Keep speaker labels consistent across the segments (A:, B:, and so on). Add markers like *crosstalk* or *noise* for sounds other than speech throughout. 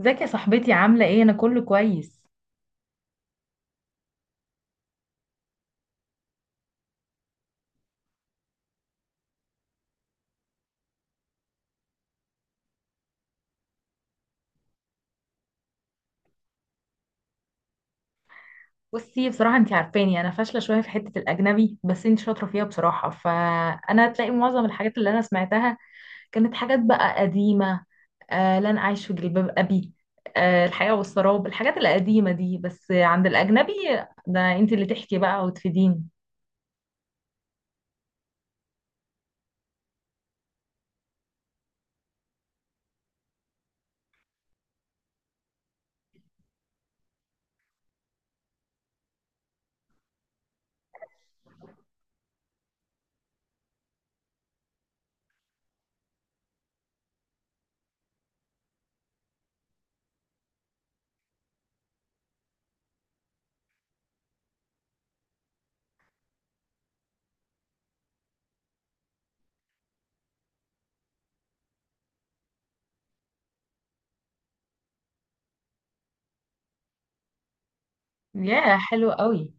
A: ازيك يا صاحبتي، عاملة ايه؟ انا كله كويس. بصي، بصراحة انتي عارفاني، انا فاشلة شوية في حتة الاجنبي، بس انتي شاطرة فيها بصراحة، فانا هتلاقي معظم الحاجات اللي انا سمعتها كانت حاجات بقى قديمة. آه، لن اعيش في جلباب ابي، آه، الحياة والسراب، الحاجات القديمة دي، بس عند الاجنبي ده انتي اللي تحكي بقى وتفيديني. ياه حلو قوي.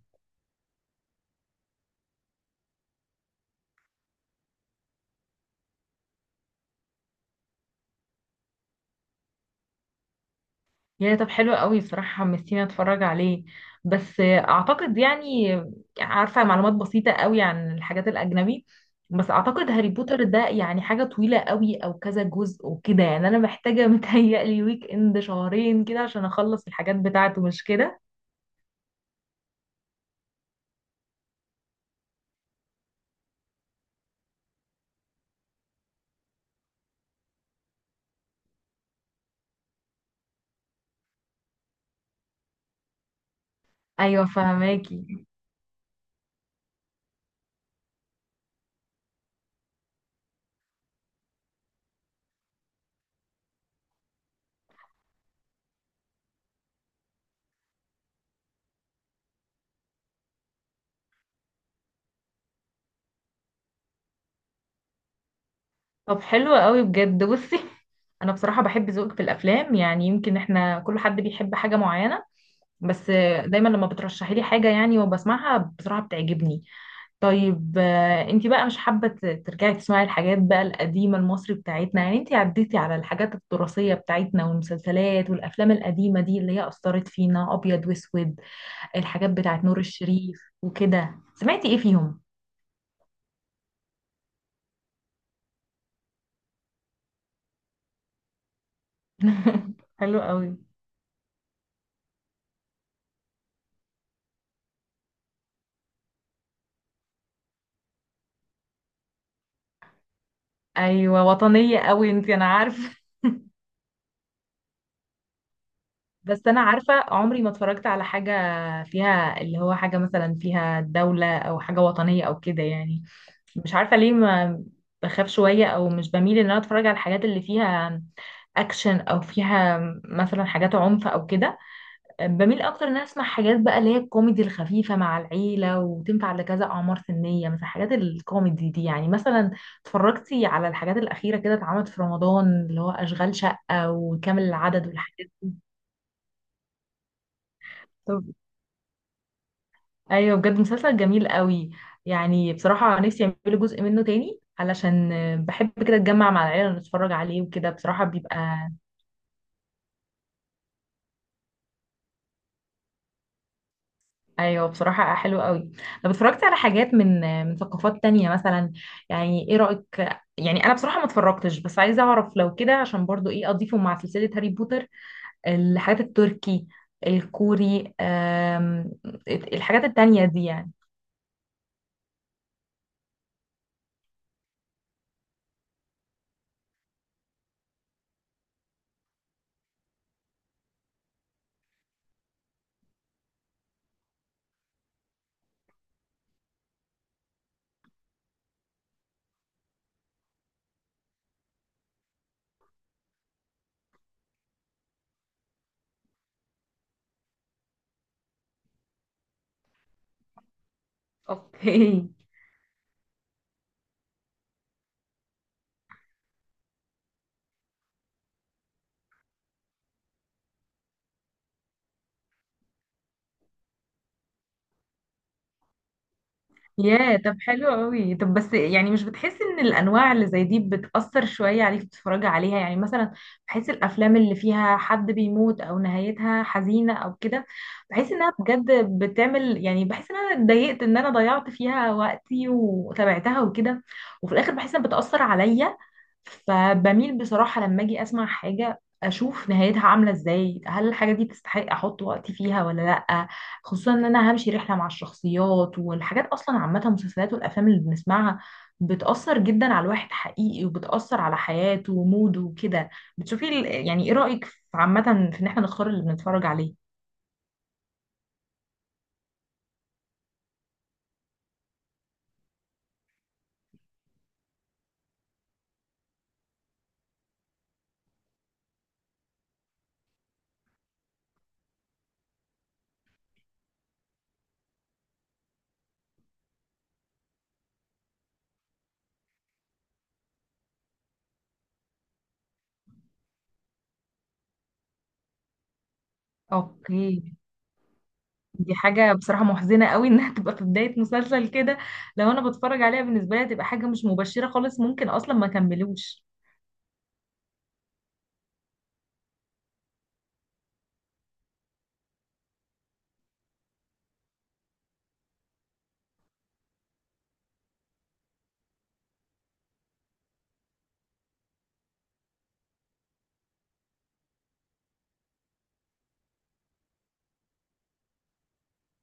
A: يعني طب حلو قوي، بصراحة حمستيني اتفرج عليه، بس اعتقد يعني عارفة معلومات بسيطة قوي عن الحاجات الاجنبي، بس اعتقد هاري بوتر ده يعني حاجة طويلة قوي او كذا جزء وكده، يعني انا محتاجة *laughs* متهيألي ويك اند شهرين كده عشان اخلص الحاجات بتاعته، مش كده؟ ايوه فهماكي. طب حلو قوي بجد. بصي، انا بصراحة بحب ذوقك في الافلام، يعني يمكن احنا كل حد بيحب حاجة معينة، بس دايما لما بترشحي لي حاجة يعني وبسمعها بصراحة بتعجبني. طيب، انتي بقى مش حابة ترجعي تسمعي الحاجات بقى القديمة المصري بتاعتنا؟ يعني انتي عديتي على الحاجات التراثية بتاعتنا والمسلسلات والأفلام القديمة دي اللي هي أثرت فينا، أبيض وأسود، الحاجات بتاعت نور الشريف وكده، سمعتي ايه فيهم؟ *laughs* حلو قوي. ايوه وطنية قوي انتي، انا عارفة. بس انا عارفة عمري ما اتفرجت على حاجة فيها اللي هو حاجة مثلا فيها دولة او حاجة وطنية او كده، يعني مش عارفة ليه، ما بخاف شوية او مش بميل ان انا اتفرج على الحاجات اللي فيها اكشن او فيها مثلا حاجات عنف او كده. بميل اكتر ان انا اسمع حاجات بقى اللي هي الكوميدي الخفيفة مع العيلة وتنفع لكذا اعمار سنية، مثلا حاجات الكوميدي دي. يعني مثلا اتفرجتي على الحاجات الاخيرة كده اتعملت في رمضان اللي هو اشغال شقة وكامل العدد والحاجات دي؟ ايوه بجد، مسلسل جميل قوي. يعني بصراحه نفسي يعملوا جزء منه تاني، علشان بحب كده اتجمع مع العيله ونتفرج عليه وكده، بصراحه بيبقى. ايوه بصراحه حلو قوي. طب اتفرجت على حاجات من ثقافات تانية مثلا؟ يعني ايه رايك؟ يعني انا بصراحه ما اتفرجتش، بس عايزه اعرف لو كده عشان برضو ايه اضيفه مع سلسله هاري بوتر. الحاجات التركي، الكوري، الحاجات التانية دي يعني. اوكي. ياه طب حلو قوي. طب بس يعني مش بتحس ان الانواع اللي زي دي بتأثر شوية عليك بتتفرجي عليها؟ يعني مثلا بحس الافلام اللي فيها حد بيموت او نهايتها حزينة او كده، بحس انها بجد بتعمل، يعني بحس ان انا اتضايقت ان انا ضيعت فيها وقتي وتابعتها وكده، وفي الاخر بحس انها بتأثر عليا. فبميل بصراحة لما اجي اسمع حاجة اشوف نهايتها عاملة ازاي، هل الحاجة دي تستحق احط وقتي فيها ولا لا، خصوصا ان انا همشي رحله مع الشخصيات والحاجات. اصلا عامه المسلسلات والافلام اللي بنسمعها بتاثر جدا على الواحد حقيقي، وبتاثر على حياته وموده وكده. بتشوفي يعني ايه رايك عامه في ان احنا نختار اللي بنتفرج عليه؟ اوكي. دي حاجه بصراحه محزنه قوي *laughs* انها تبقى في بدايه مسلسل كده، لو انا بتفرج عليها بالنسبه لي هتبقى حاجه مش مبشره خالص، ممكن اصلا ما كملوش.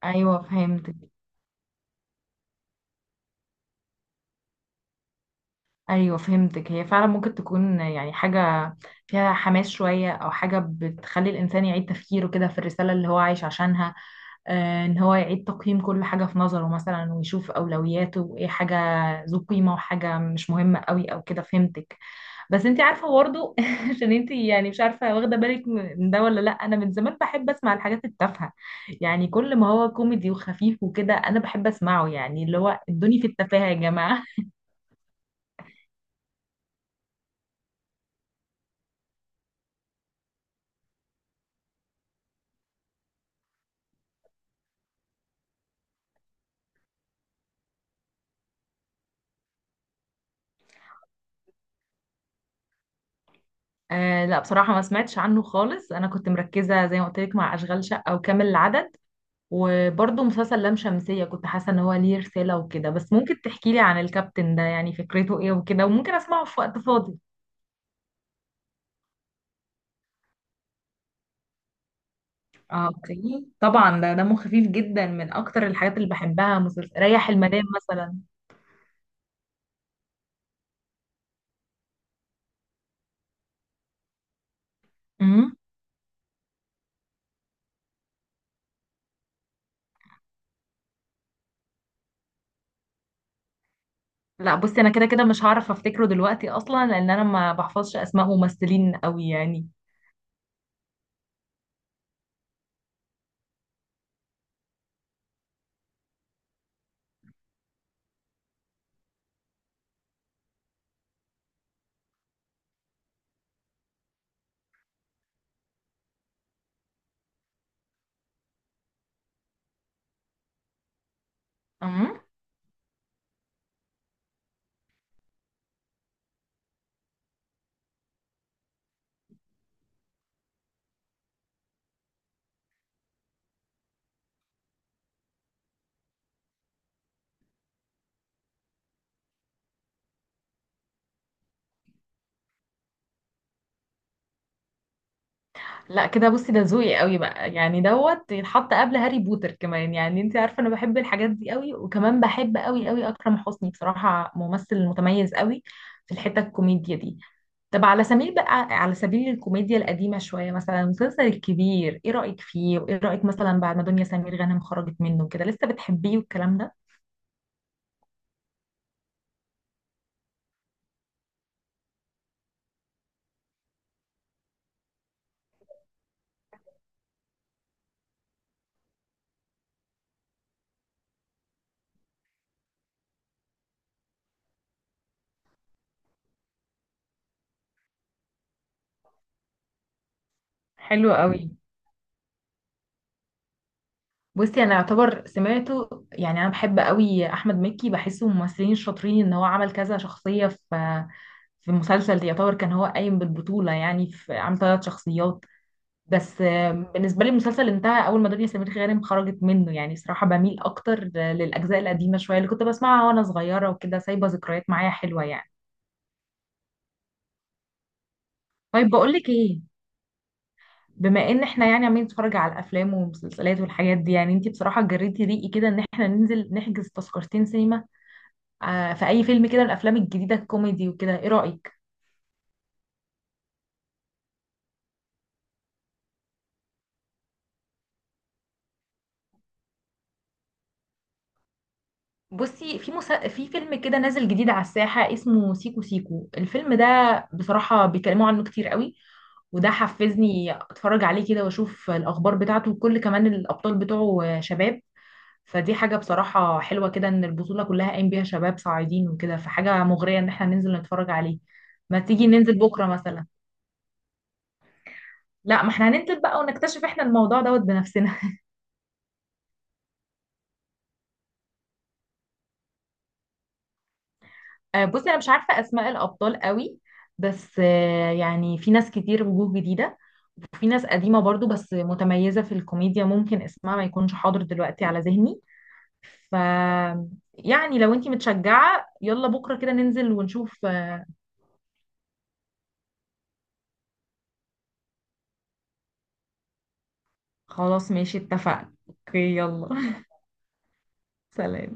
A: ايوه فهمت. ايوه فهمتك، هي فعلا ممكن تكون يعني حاجه فيها حماس شويه او حاجه بتخلي الانسان يعيد تفكيره كده في الرساله اللي هو عايش عشانها، ان هو يعيد تقييم كل حاجه في نظره مثلا ويشوف اولوياته وايه حاجه ذو قيمه وحاجه مش مهمه قوي او كده. فهمتك. بس انت عارفه برضه *laughs* عشان انت يعني مش عارفه واخده بالك من ده ولا لا، انا من زمان بحب اسمع الحاجات التافهه، يعني كل ما هو كوميدي وخفيف وكده انا بحب اسمعه، يعني اللي هو ادوني في التفاهه يا جماعه. آه لا، بصراحة ما سمعتش عنه خالص، أنا كنت مركزة زي ما قلت لك مع أشغال شقة وكامل العدد، وبرضه مسلسل لام شمسية كنت حاسة إن هو ليه رسالة وكده، بس ممكن تحكي لي عن الكابتن ده يعني فكرته إيه وكده، وممكن أسمعه في وقت فاضي. اه اوكي طبعا، ده دمه خفيف جدا، من أكتر الحاجات اللي بحبها مسلسل ريح المدام مثلا. امم لا بصي، أنا كده كده مش هعرف أفتكره دلوقتي أصلا لأن أنا ما بحفظش أسماء ممثلين قوي يعني. لا كده بصي، ده ذوقي قوي بقى، يعني دوت يتحط قبل هاري بوتر كمان، يعني انت عارفه انا بحب الحاجات دي قوي، وكمان بحب قوي قوي اكرم حسني، بصراحه ممثل متميز قوي في الحته الكوميديا دي. طب على سبيل بقى، على سبيل الكوميديا القديمه شويه، مثلا مسلسل الكبير ايه رايك فيه؟ وايه رايك مثلا بعد ما دنيا سمير غانم خرجت منه كده، لسه بتحبيه والكلام ده؟ حلو قوي. بصي انا اعتبر سمعته، يعني انا بحب قوي احمد مكي، بحسه من الممثلين الشاطرين ان هو عمل كذا شخصيه في مسلسل، يعتبر كان هو قايم بالبطوله، يعني في عمل ثلاث شخصيات. بس بالنسبه لي المسلسل انتهى اول ما دنيا سمير غانم خرجت منه، يعني بصراحه بميل اكتر للاجزاء القديمه شويه اللي كنت بسمعها وانا صغيره وكده، سايبه ذكريات معايا حلوه يعني. طيب بقول لك ايه، بما ان احنا يعني عمالين نتفرج على الافلام والمسلسلات والحاجات دي، يعني انتي بصراحه جريتي ريقي كده ان احنا ننزل نحجز تذكرتين سينما في اي فيلم كده، الافلام الجديده الكوميدي وكده، ايه رايك؟ بصي في في فيلم كده نازل جديد على الساحه اسمه سيكو سيكو، الفيلم ده بصراحه بيتكلموا عنه كتير قوي، وده حفزني اتفرج عليه كده واشوف الاخبار بتاعته، وكل كمان الابطال بتوعه شباب، فدي حاجه بصراحه حلوه كده ان البطوله كلها قايم بيها شباب صاعدين وكده، فحاجه مغريه ان احنا ننزل نتفرج عليه. ما تيجي ننزل بكره مثلا؟ لا ما احنا هننزل بقى ونكتشف احنا الموضوع دوت بنفسنا. بصي انا مش عارفه اسماء الابطال قوي، بس يعني في ناس كتير وجوه جديده، وفي ناس قديمه برضو بس متميزه في الكوميديا، ممكن اسمها ما يكونش حاضر دلوقتي على ذهني. ف يعني لو انتي متشجعه يلا بكره كده ننزل ونشوف. خلاص ماشي اتفقنا اوكي يلا. *laughs* سلام.